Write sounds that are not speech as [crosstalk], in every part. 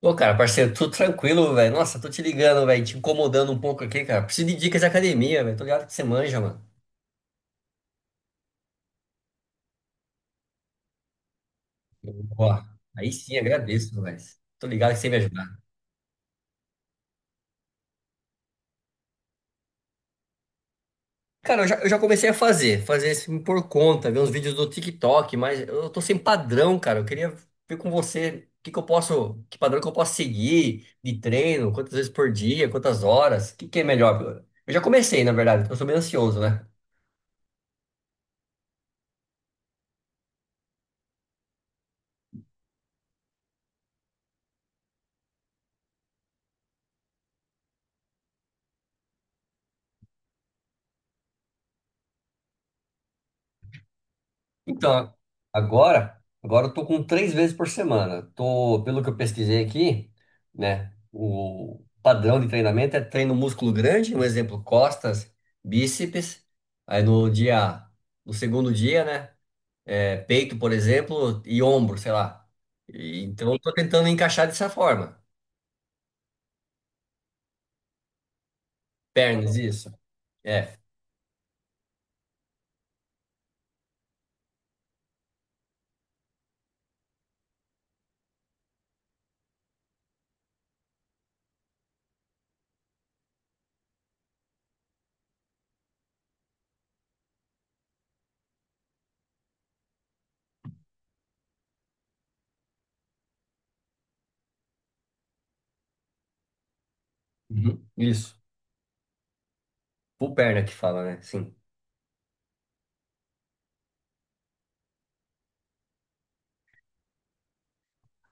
Ô, cara, parceiro, tudo tranquilo, velho. Nossa, tô te ligando, velho, te incomodando um pouco aqui, cara. Preciso de dicas de academia, velho. Tô ligado que você manja, mano. Ó, aí sim, agradeço, velho. Tô ligado que você me ajudar. Cara, eu já comecei a fazer assim por conta, ver uns vídeos do TikTok, mas eu tô sem padrão, cara. Eu queria ver com você o que que eu posso, que padrão que eu posso seguir de treino, quantas vezes por dia, quantas horas, o que que é melhor. Eu já comecei, na verdade, porque eu sou meio ansioso, né? Então, agora eu tô com três vezes por semana. Tô, pelo que eu pesquisei aqui, né? O padrão de treinamento é treino músculo grande, um exemplo, costas, bíceps. Aí no dia, No segundo dia, né? É peito, por exemplo, e ombro, sei lá. E então eu tô tentando encaixar dessa forma. Pernas, isso. É. Uhum, isso. Full perna que fala, né? Sim.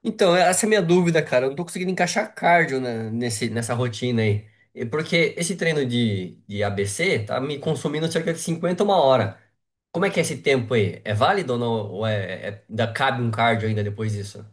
Então é, essa é a minha dúvida, cara. Eu não tô conseguindo encaixar cardio nessa rotina aí. E porque esse treino de ABC tá me consumindo cerca de 50 uma hora. Como é que é esse tempo aí? É válido ou não? Ou ainda cabe um cardio ainda depois disso?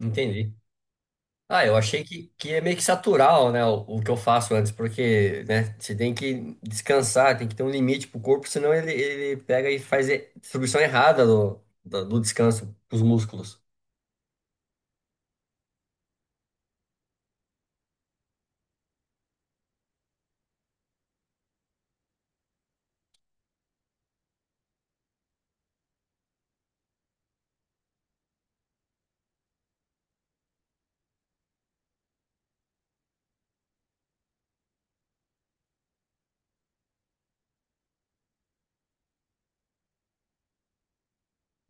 Entendi. Ah, eu achei que é meio que saturar, né, o que eu faço antes, porque, né, você tem que descansar, tem que ter um limite pro corpo, senão ele pega e faz a distribuição errada do descanso pros músculos.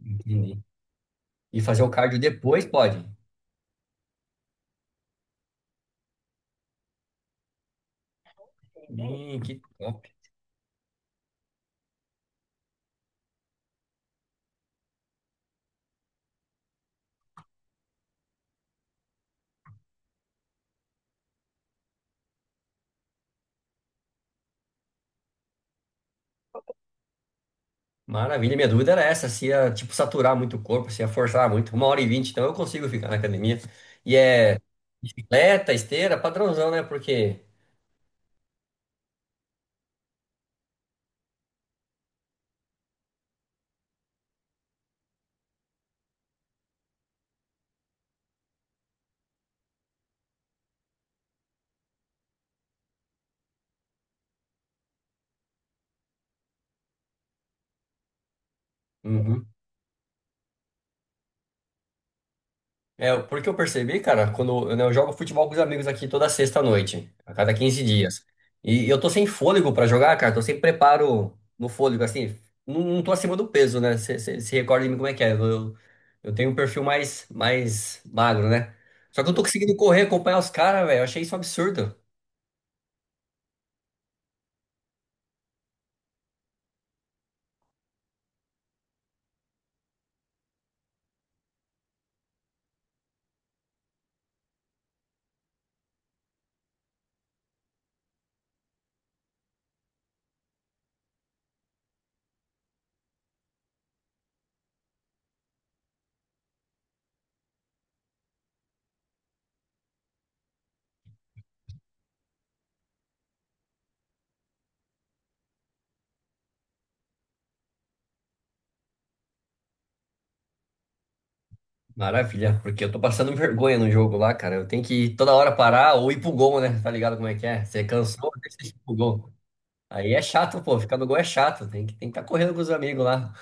Entendi. E fazer o cardio depois pode? Ih, que top. Maravilha. Minha dúvida era essa, se ia, tipo, saturar muito o corpo, se ia forçar muito. Uma hora e vinte, então eu consigo ficar na academia. E é bicicleta, esteira, padrãozão, né? Porque... Uhum. É, porque eu percebi, cara, quando eu, né, eu jogo futebol com os amigos aqui toda sexta à noite, a cada 15 dias. E eu tô sem fôlego pra jogar, cara, tô sem preparo no fôlego, assim, não, não tô acima do peso, né? Você se recorda de mim como é que é? Eu tenho um perfil mais magro, né? Só que eu tô conseguindo correr, acompanhar os caras, velho, eu achei isso um absurdo. Maravilha, porque eu tô passando [laughs] vergonha no jogo lá, cara. Eu tenho que toda hora parar ou ir pro gol, né? Tá ligado como é que é? Você cansou, tem que ir pro gol. Aí é chato, pô. Ficar no gol é chato. Tem que tá correndo com os amigos lá.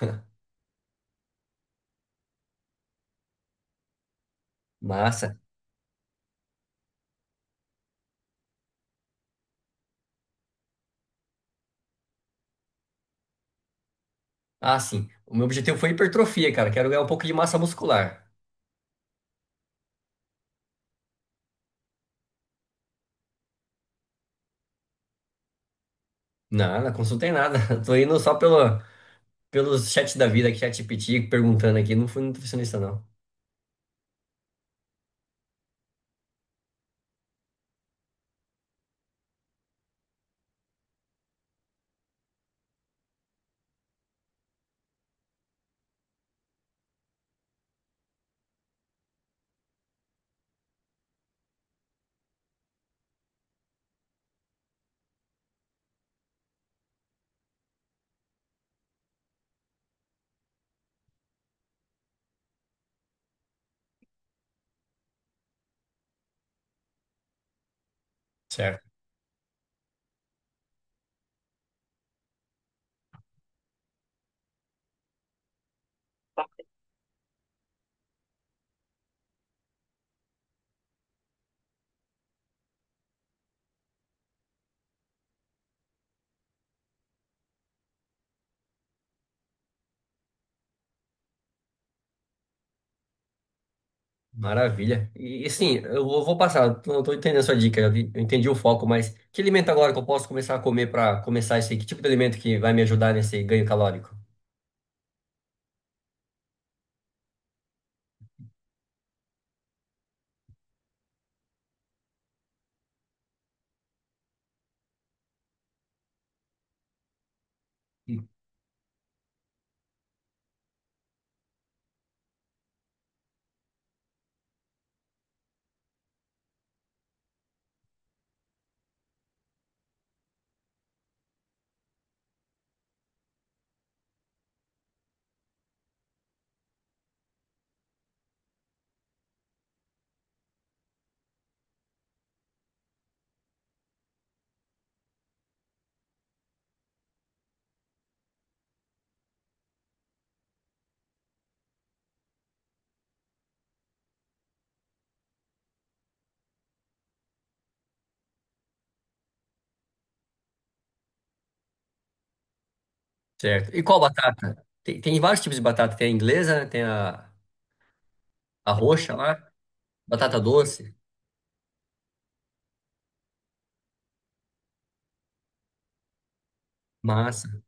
Massa. Ah, sim. O meu objetivo foi hipertrofia, cara. Quero ganhar um pouco de massa muscular. Não, na consulta tem nada. [laughs] Tô indo só pelo, pelos chats da vida, chat ChatGPT, perguntando aqui. Não fui nutricionista, não. Certo. Maravilha. E assim, eu vou passar. Eu tô, tô entendendo a sua dica. Eu entendi o foco, mas que alimento agora que eu posso começar a comer pra começar isso aí? Que tipo de alimento que vai me ajudar nesse ganho calórico? Certo. E qual batata? Tem vários tipos de batata. Tem a inglesa, tem a... A roxa lá, batata doce, massa,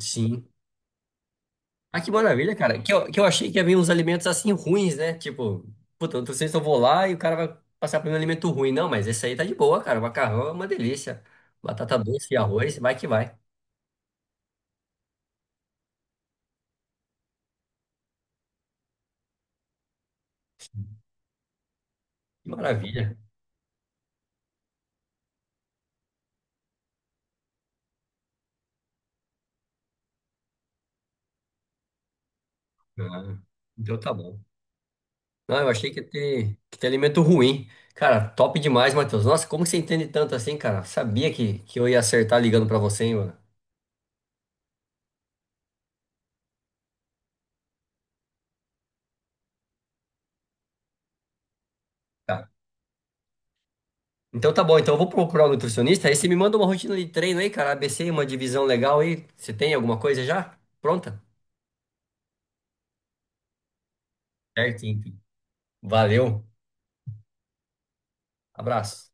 sim. Ah, que maravilha, cara. Que eu achei que ia vir uns alimentos assim ruins, né? Tipo, puta, eu não sei se eu vou lá e o cara vai passar por um alimento ruim. Não, mas esse aí tá de boa, cara. O macarrão é uma delícia. Batata doce e arroz, vai. Que maravilha. Ah, então tá bom. Não, eu achei que ia ter, que ter alimento ruim. Cara, top demais, Matheus. Nossa, como que você entende tanto assim, cara? Sabia que eu ia acertar ligando pra você, hein, mano? Tá. Então tá bom, então eu vou procurar um nutricionista. Aí você me manda uma rotina de treino aí, cara. ABC, uma divisão legal aí. Você tem alguma coisa já? Pronta? Certo, então. Valeu. Abraço.